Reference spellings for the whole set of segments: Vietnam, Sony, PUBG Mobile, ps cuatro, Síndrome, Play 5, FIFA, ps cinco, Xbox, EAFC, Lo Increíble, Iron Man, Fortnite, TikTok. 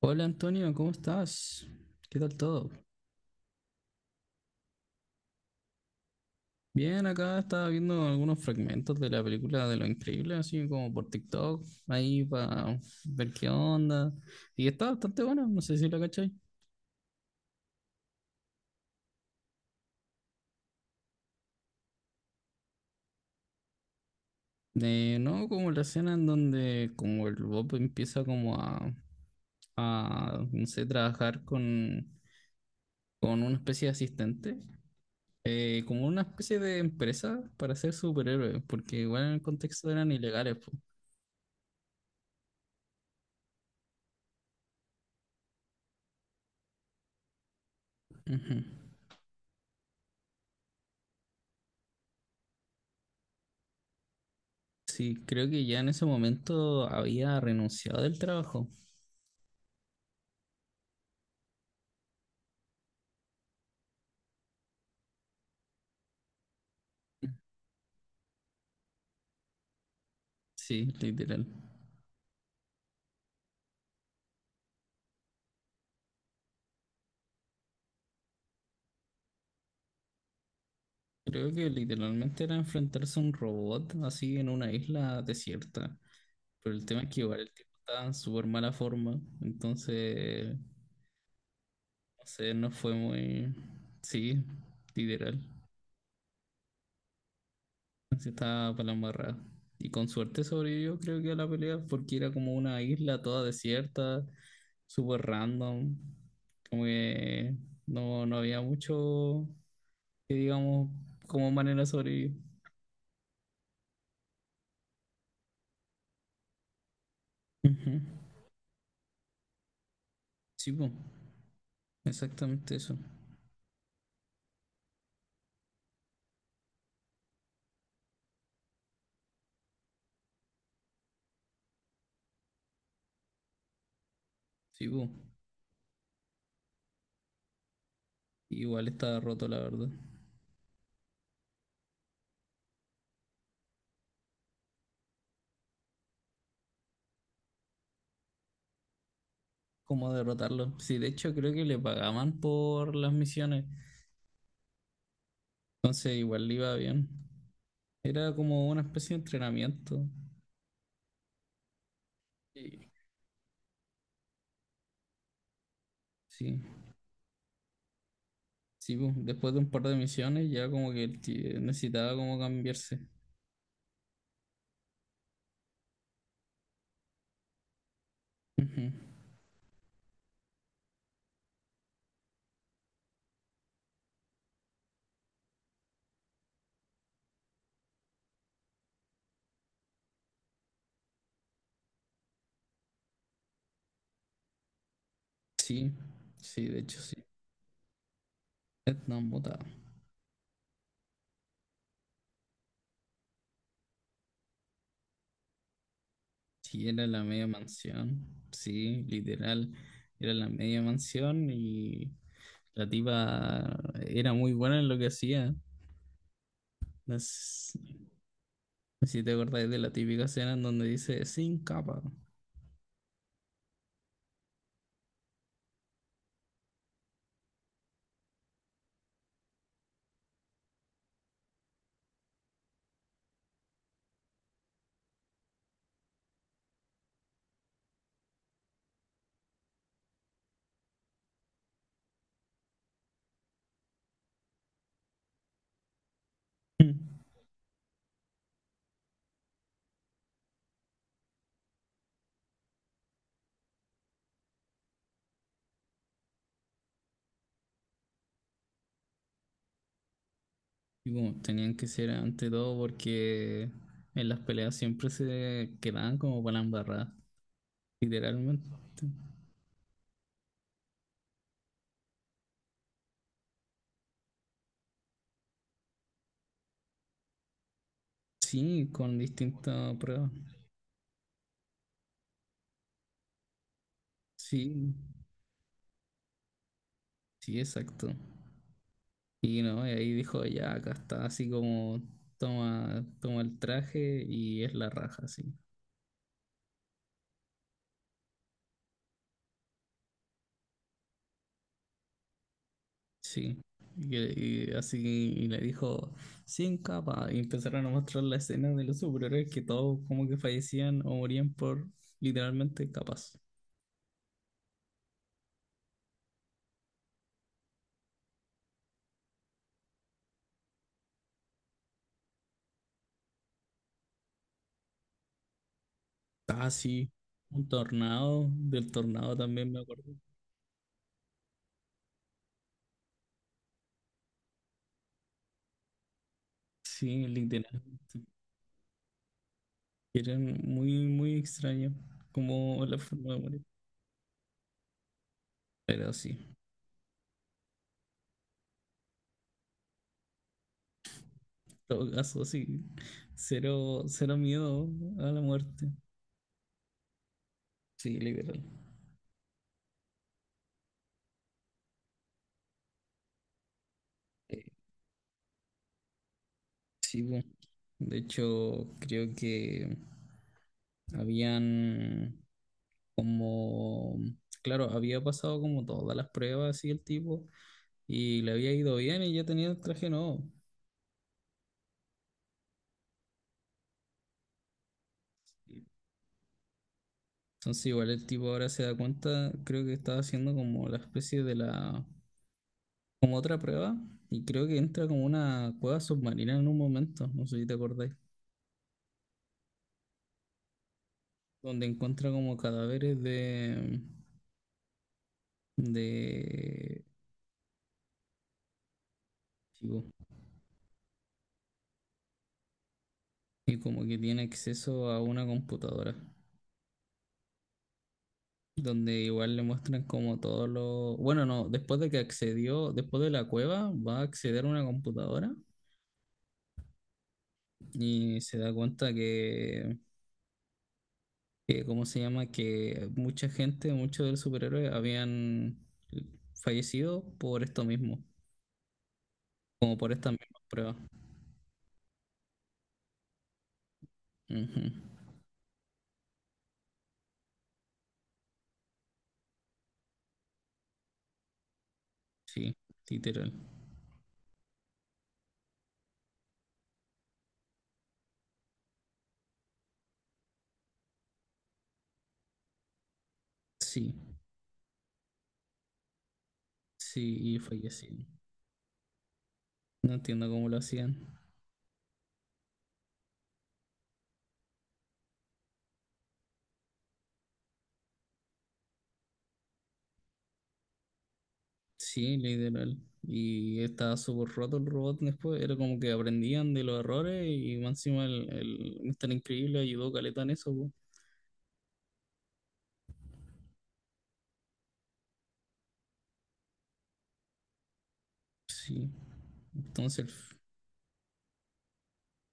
Hola Antonio, ¿cómo estás? ¿Qué tal todo? Bien, acá estaba viendo algunos fragmentos de la película de Lo Increíble, así como por TikTok, ahí para ver qué onda. Y está bastante buena, no sé si la cachai. De, no, como la escena en donde como el Bob empieza como a no sé, trabajar con una especie de asistente, como una especie de empresa para ser superhéroe, porque igual en el contexto eran ilegales, pues. Sí, creo que ya en ese momento había renunciado del trabajo. Sí, literal. Creo que literalmente era enfrentarse a un robot así en una isla desierta. Pero el tema es que igual el tipo estaba en súper mala forma. Entonces, no sé, no fue muy... Sí, literal. Se estaba para la embarrada. Y con suerte sobrevivió, creo que a la pelea, porque era como una isla toda desierta, súper random. Como que no había mucho que digamos como manera de sobrevivir. Ujú. Sí, po, exactamente eso. Sí, po. Igual estaba roto, la verdad. ¿Cómo derrotarlo? Sí, de hecho creo que le pagaban por las misiones. Entonces igual le iba bien. Era como una especie de entrenamiento. Sí. Sí. Sí, pues, después de un par de misiones ya como que el ti- necesitaba como cambiarse. Ujú. Sí, sí, de hecho sí. Vietnam botado. Sí, era la media mansión. Sí, literal. Era la media mansión y la tipa era muy buena en lo que hacía. No sé si te acordáis de la típica escena en donde dice sin capa. Mm. Y bueno, tenían que ser ante todo porque en las peleas siempre se quedaban como para la embarrada, literalmente. Sí, con distintas pruebas. Sí, sí, exacto. Y no, y ahí dijo, ya, acá está, así como toma, toma el traje y es la raja, sí. Sí. Y así y le dijo, sin capa. Y empezaron a mostrar la escena de los superhéroes que todos como que fallecían o morían por literalmente capas. Ah, sí. Un tornado, del tornado también me acuerdo. Sí, literalmente. Era muy, muy extraño como la forma de morir. Pero sí, en todo caso, sí. Cero, cero miedo a la muerte. Sí, liberal. Eh, sí, bueno. De hecho, creo que habían como, claro, había pasado como todas las pruebas y el tipo, y le había ido bien y ya tenía el traje nuevo. Entonces igual el tipo ahora se da cuenta, creo que estaba haciendo como la especie de la como otra prueba y creo que entra como una cueva submarina en un momento, no sé si te acordáis, donde encuentra como cadáveres de chivo y como que tiene acceso a una computadora, donde igual le muestran como todos los... Bueno, no, después de que accedió, después de la cueva, va a acceder a una computadora y se da cuenta que ¿cómo se llama? Que mucha gente, muchos de los superhéroes habían fallecido por esto mismo como por estas mismas pruebas. Ujú. Sí, literal. Sí, sí, y fallecieron. No entiendo cómo lo hacían. Sí, literal. Y estaba súper roto el robot después. Era como que aprendían de los errores y más encima el Mr. Increíble ayudó caleta en eso, po. Sí. Entonces, el f-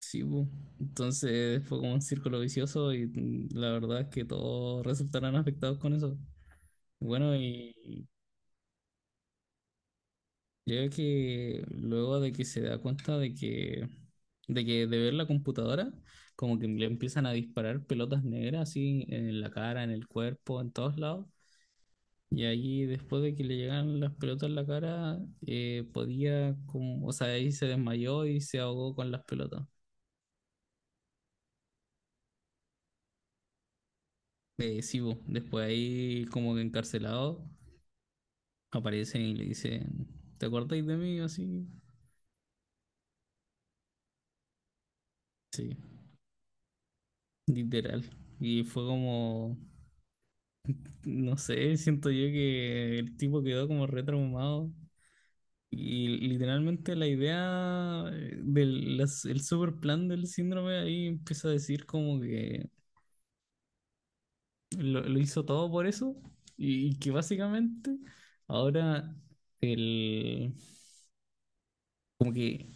sí, po. Entonces fue como un círculo vicioso y la verdad es que todos resultaron afectados con eso. Bueno, y creo que luego de que se da cuenta de que, de que de ver la computadora, como que le empiezan a disparar pelotas negras así en la cara, en el cuerpo, en todos lados. Y ahí después de que le llegan las pelotas en la cara, podía como, o sea, ahí se desmayó y se ahogó con las pelotas. Sí, bo, después ahí como que encarcelado, aparecen y le dicen, ¿te acordáis de mí? Así, sí, literal. Y fue como... No sé, siento yo que el tipo quedó como retraumado. Y literalmente la idea del las- el super plan del síndrome ahí empieza a decir como que lo hizo todo por eso y que básicamente ahora el, como que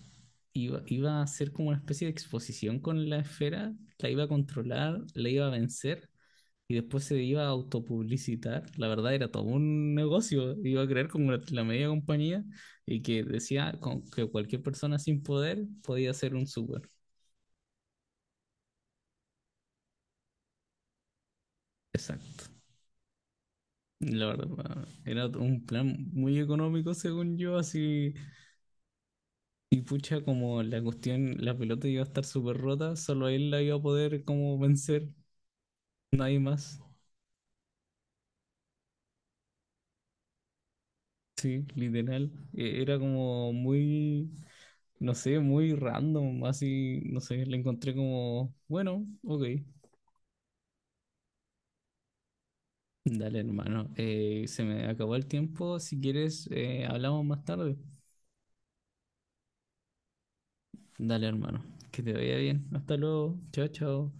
iba a ser como una especie de exposición con la esfera, la iba a controlar, la iba a vencer y después se iba a autopublicitar. La verdad era todo un negocio. Iba a crear como la media compañía y que decía con- que cualquier persona sin poder podía ser un súper. Exacto. Y la verdad, era un plan muy económico según yo, así. Y pucha, como la cuestión, la pelota iba a estar súper rota, solo él la iba a poder como vencer, nadie más. Sí, literal. E- Era como muy, no sé, muy random, así, no sé, le encontré como, bueno, ok. Dale, hermano. Se me acabó el tiempo. Si quieres, hablamos más tarde. Dale, hermano. Que te vaya bien. Hasta luego. Chao, chao.